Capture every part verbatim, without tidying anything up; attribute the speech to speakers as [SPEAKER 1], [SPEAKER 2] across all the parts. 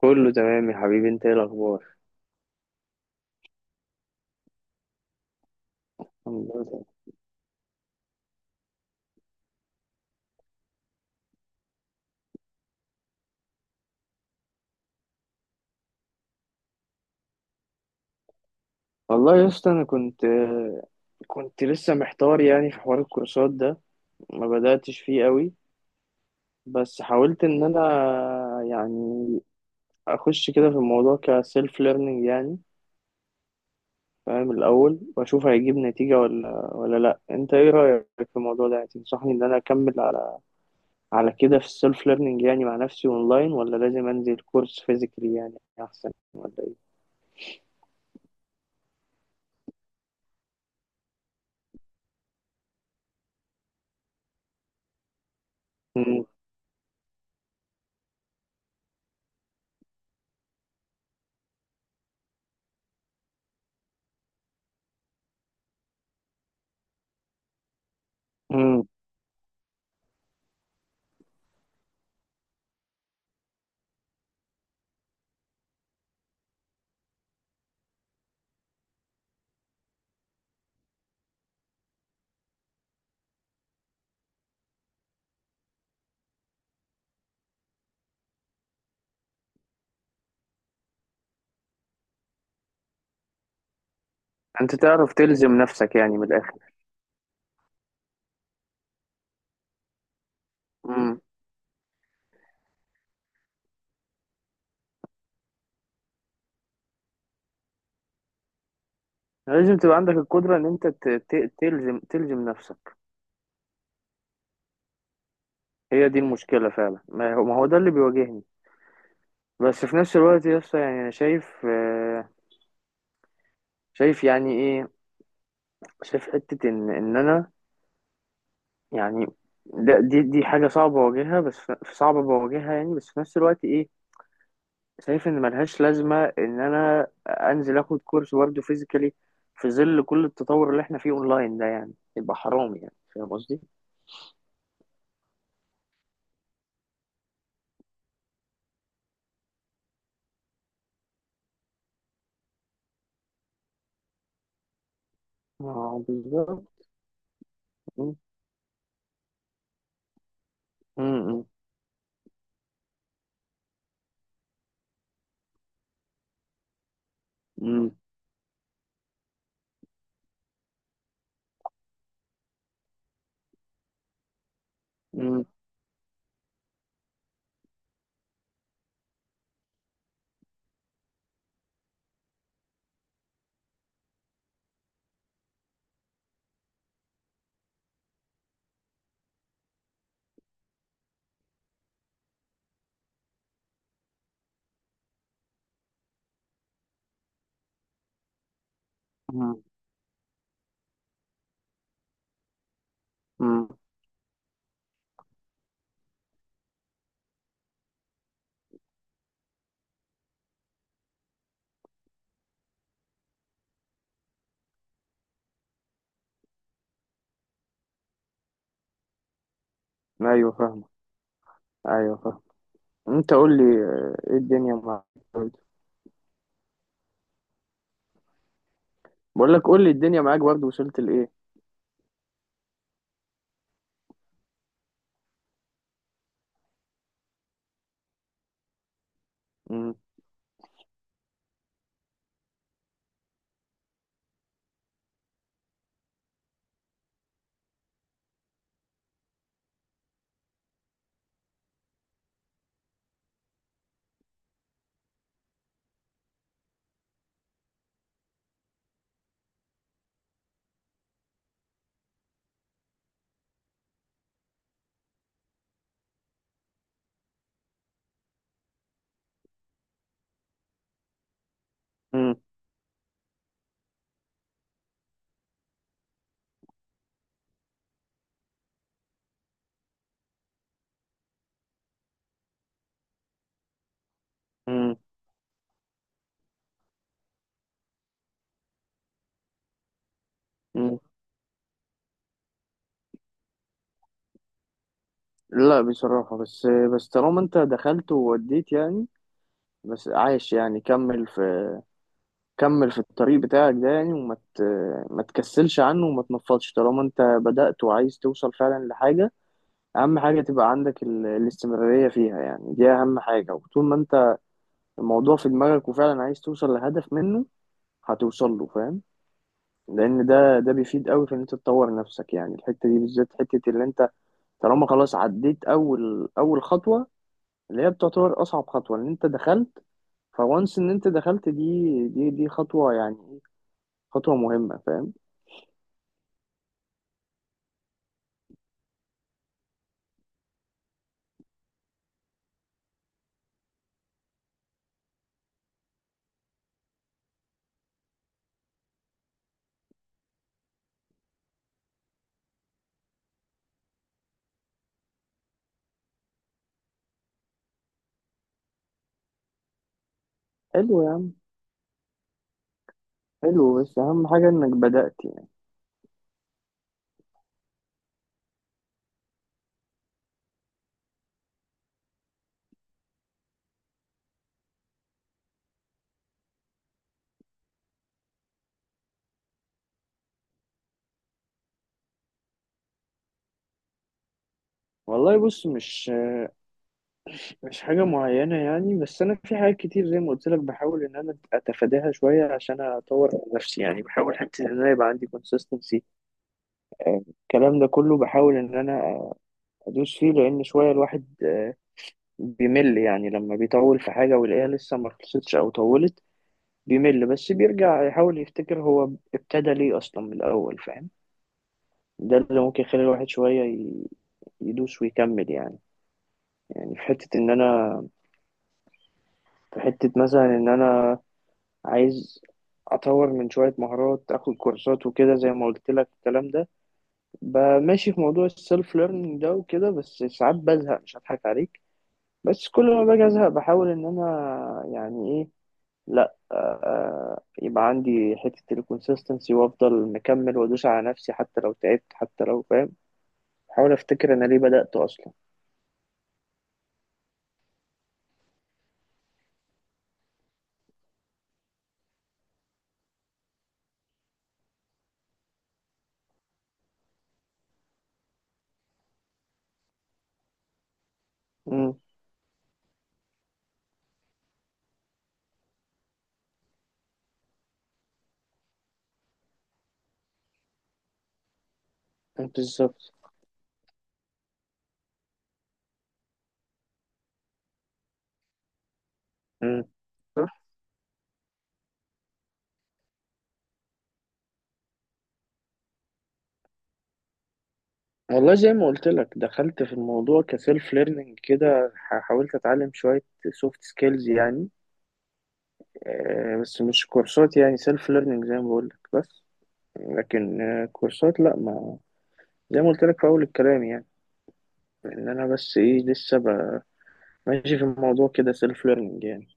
[SPEAKER 1] كله تمام يا حبيبي، انت ايه الاخبار؟ الحمد لله تمام. والله يا اسطى انا كنت كنت لسه محتار يعني في حوار الكورسات ده، ما بداتش فيه قوي، بس حاولت ان انا يعني اخش كده في الموضوع كسيلف ليرنينج، يعني فاهم الاول واشوف هيجيب نتيجه ولا ولا لا. انت ايه رايك في الموضوع ده؟ يعني تنصحني ان انا اكمل على على كده في السيلف ليرنينج يعني مع نفسي اونلاين، ولا لازم انزل كورس فيزيكالي يعني احسن؟ ولا ايه؟ انت تعرف تلزم نفسك يعني من الاخر. امم لازم تبقى عندك القدرة ان انت ت- ت- تلزم تلزم نفسك. هي دي المشكلة فعلا، ما هو ما هو ده اللي بيواجهني. بس في نفس الوقت يا اسطى يعني انا شايف، آه، شايف يعني ايه، شايف حتة ان ان انا يعني ده دي دي حاجة صعبة بواجهها، بس في- صعبة بواجهها يعني، بس في نفس الوقت ايه، شايف ان ملهاش لازمة ان انا انزل اخد كورس برضه فيزيكالي في ظل كل التطور اللي احنا فيه اونلاين ده، يعني يبقى حرام، يعني فاهم قصدي؟ اه بالظبط. م- م- م- م- م- م- م. ايوه فاهمة، ايوه فاهم. انت قول لي، آه، ايه الدنيا معاك برضه؟ بقول لك قول لي الدنيا معاك برضه وصلت لايه. م- م- م- م. لا بصراحة. بس بس طالما انت دخلت ووديت يعني، بس عايش يعني، كمل في كمل في الطريق بتاعك ده يعني، وما ت- ما تكسلش عنه وما تنفضش طالما انت بدأت وعايز توصل فعلا لحاجة. اهم حاجه تبقى عندك ال- الاستمراريه فيها، يعني دي اهم حاجه. وطول ما انت الموضوع في دماغك وفعلا عايز توصل لهدف منه، هتوصل له، فاهم؟ لان ده ده بيفيد قوي في ان انت تطور نفسك، يعني الحته دي بالذات، حته اللي انت طالما خلاص عديت اول اول خطوه، اللي هي بتعتبر اصعب خطوه، ان انت دخلت. فوانس ان انت دخلت، دي دي دي خطوه يعني، خطوه مهمه، فاهم؟ حلو يا عم، حلو، بس اهم حاجه انك بدأت يعني. والله بص، مش مش حاجة معينة يعني، بس أنا في حاجات كتير زي ما قلت لك بحاول إن أنا أتفاداها شوية عشان أطور من نفسي، يعني بحاول حتى إن أنا يبقى عندي consistency، آه، الكلام ده كله بحاول إن أنا أدوس فيه، لأن شوية الواحد آه، بيمل، يعني لما بيطول في حاجة ويلاقيها لسه ما خلصتش أو طولت بيمل، بس بيرجع يحاول يفتكر هو ابتدى ليه أصلا من الأول، فاهم؟ ده اللي ممكن يخلي الواحد شوية ي- يدوس ويكمل يعني. يعني في حتة إن أنا، في حتة مثلا إن أنا عايز اطور من شويه مهارات، اخد كورسات وكده زي ما قلت لك الكلام ده. ب- ماشي في موضوع السيلف ليرنينج ده وكده، بس ساعات بزهق، مش هضحك عليك. بس كل ما باجي ازهق بحاول ان انا يعني ايه، لا آه، آه، يبقى عندي حته الكونسيستنسي، وافضل مكمل وادوس على نفسي حتى لو تعبت، حتى لو فاهم. بحاول افتكر انا ليه بدأت اصلا. امم بالظبط. امم والله زي ما قلت لك، دخلت في الموضوع كسيلف ليرنينج كده، ح- حاولت اتعلم شويه سوفت سكيلز يعني، آه، بس مش كورسات يعني، سيلف ليرنينج زي ما بقول لك. بس لكن آه، كورسات لا، ما زي ما قلت لك في اول الكلام، يعني ان انا بس ايه لسه ب- ماشي في الموضوع كده سيلف ليرنينج يعني.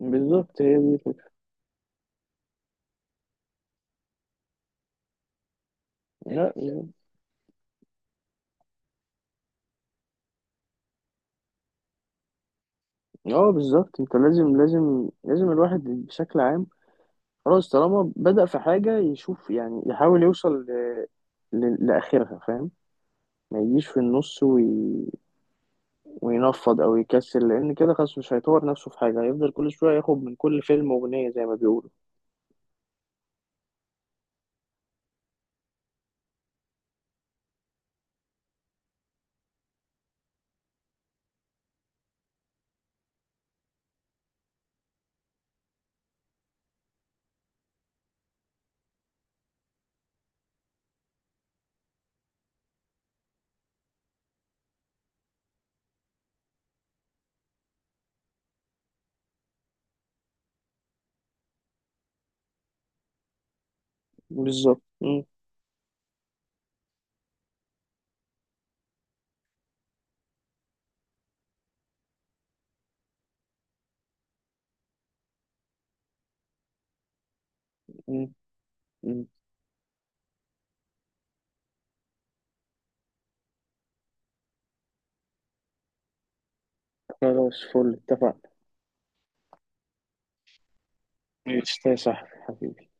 [SPEAKER 1] بالظبط، هي دي الفكرة. لا يعني- اه بالظبط، انت لازم لازم لازم، الواحد بشكل عام، خلاص طالما بدأ في حاجة يشوف يعني يحاول يوصل ل- ل- لآخرها، فاهم؟ ما يجيش في النص وي... وينفض او يكسل، لان كده خلاص مش هيطور نفسه في حاجه، هيفضل كل شويه ياخد من كل فيلم اغنيه زي ما بيقولوا. بالظبط. م- م- م. خلاص فل، اتفقنا. ماشي يا صاحبي حبيبي.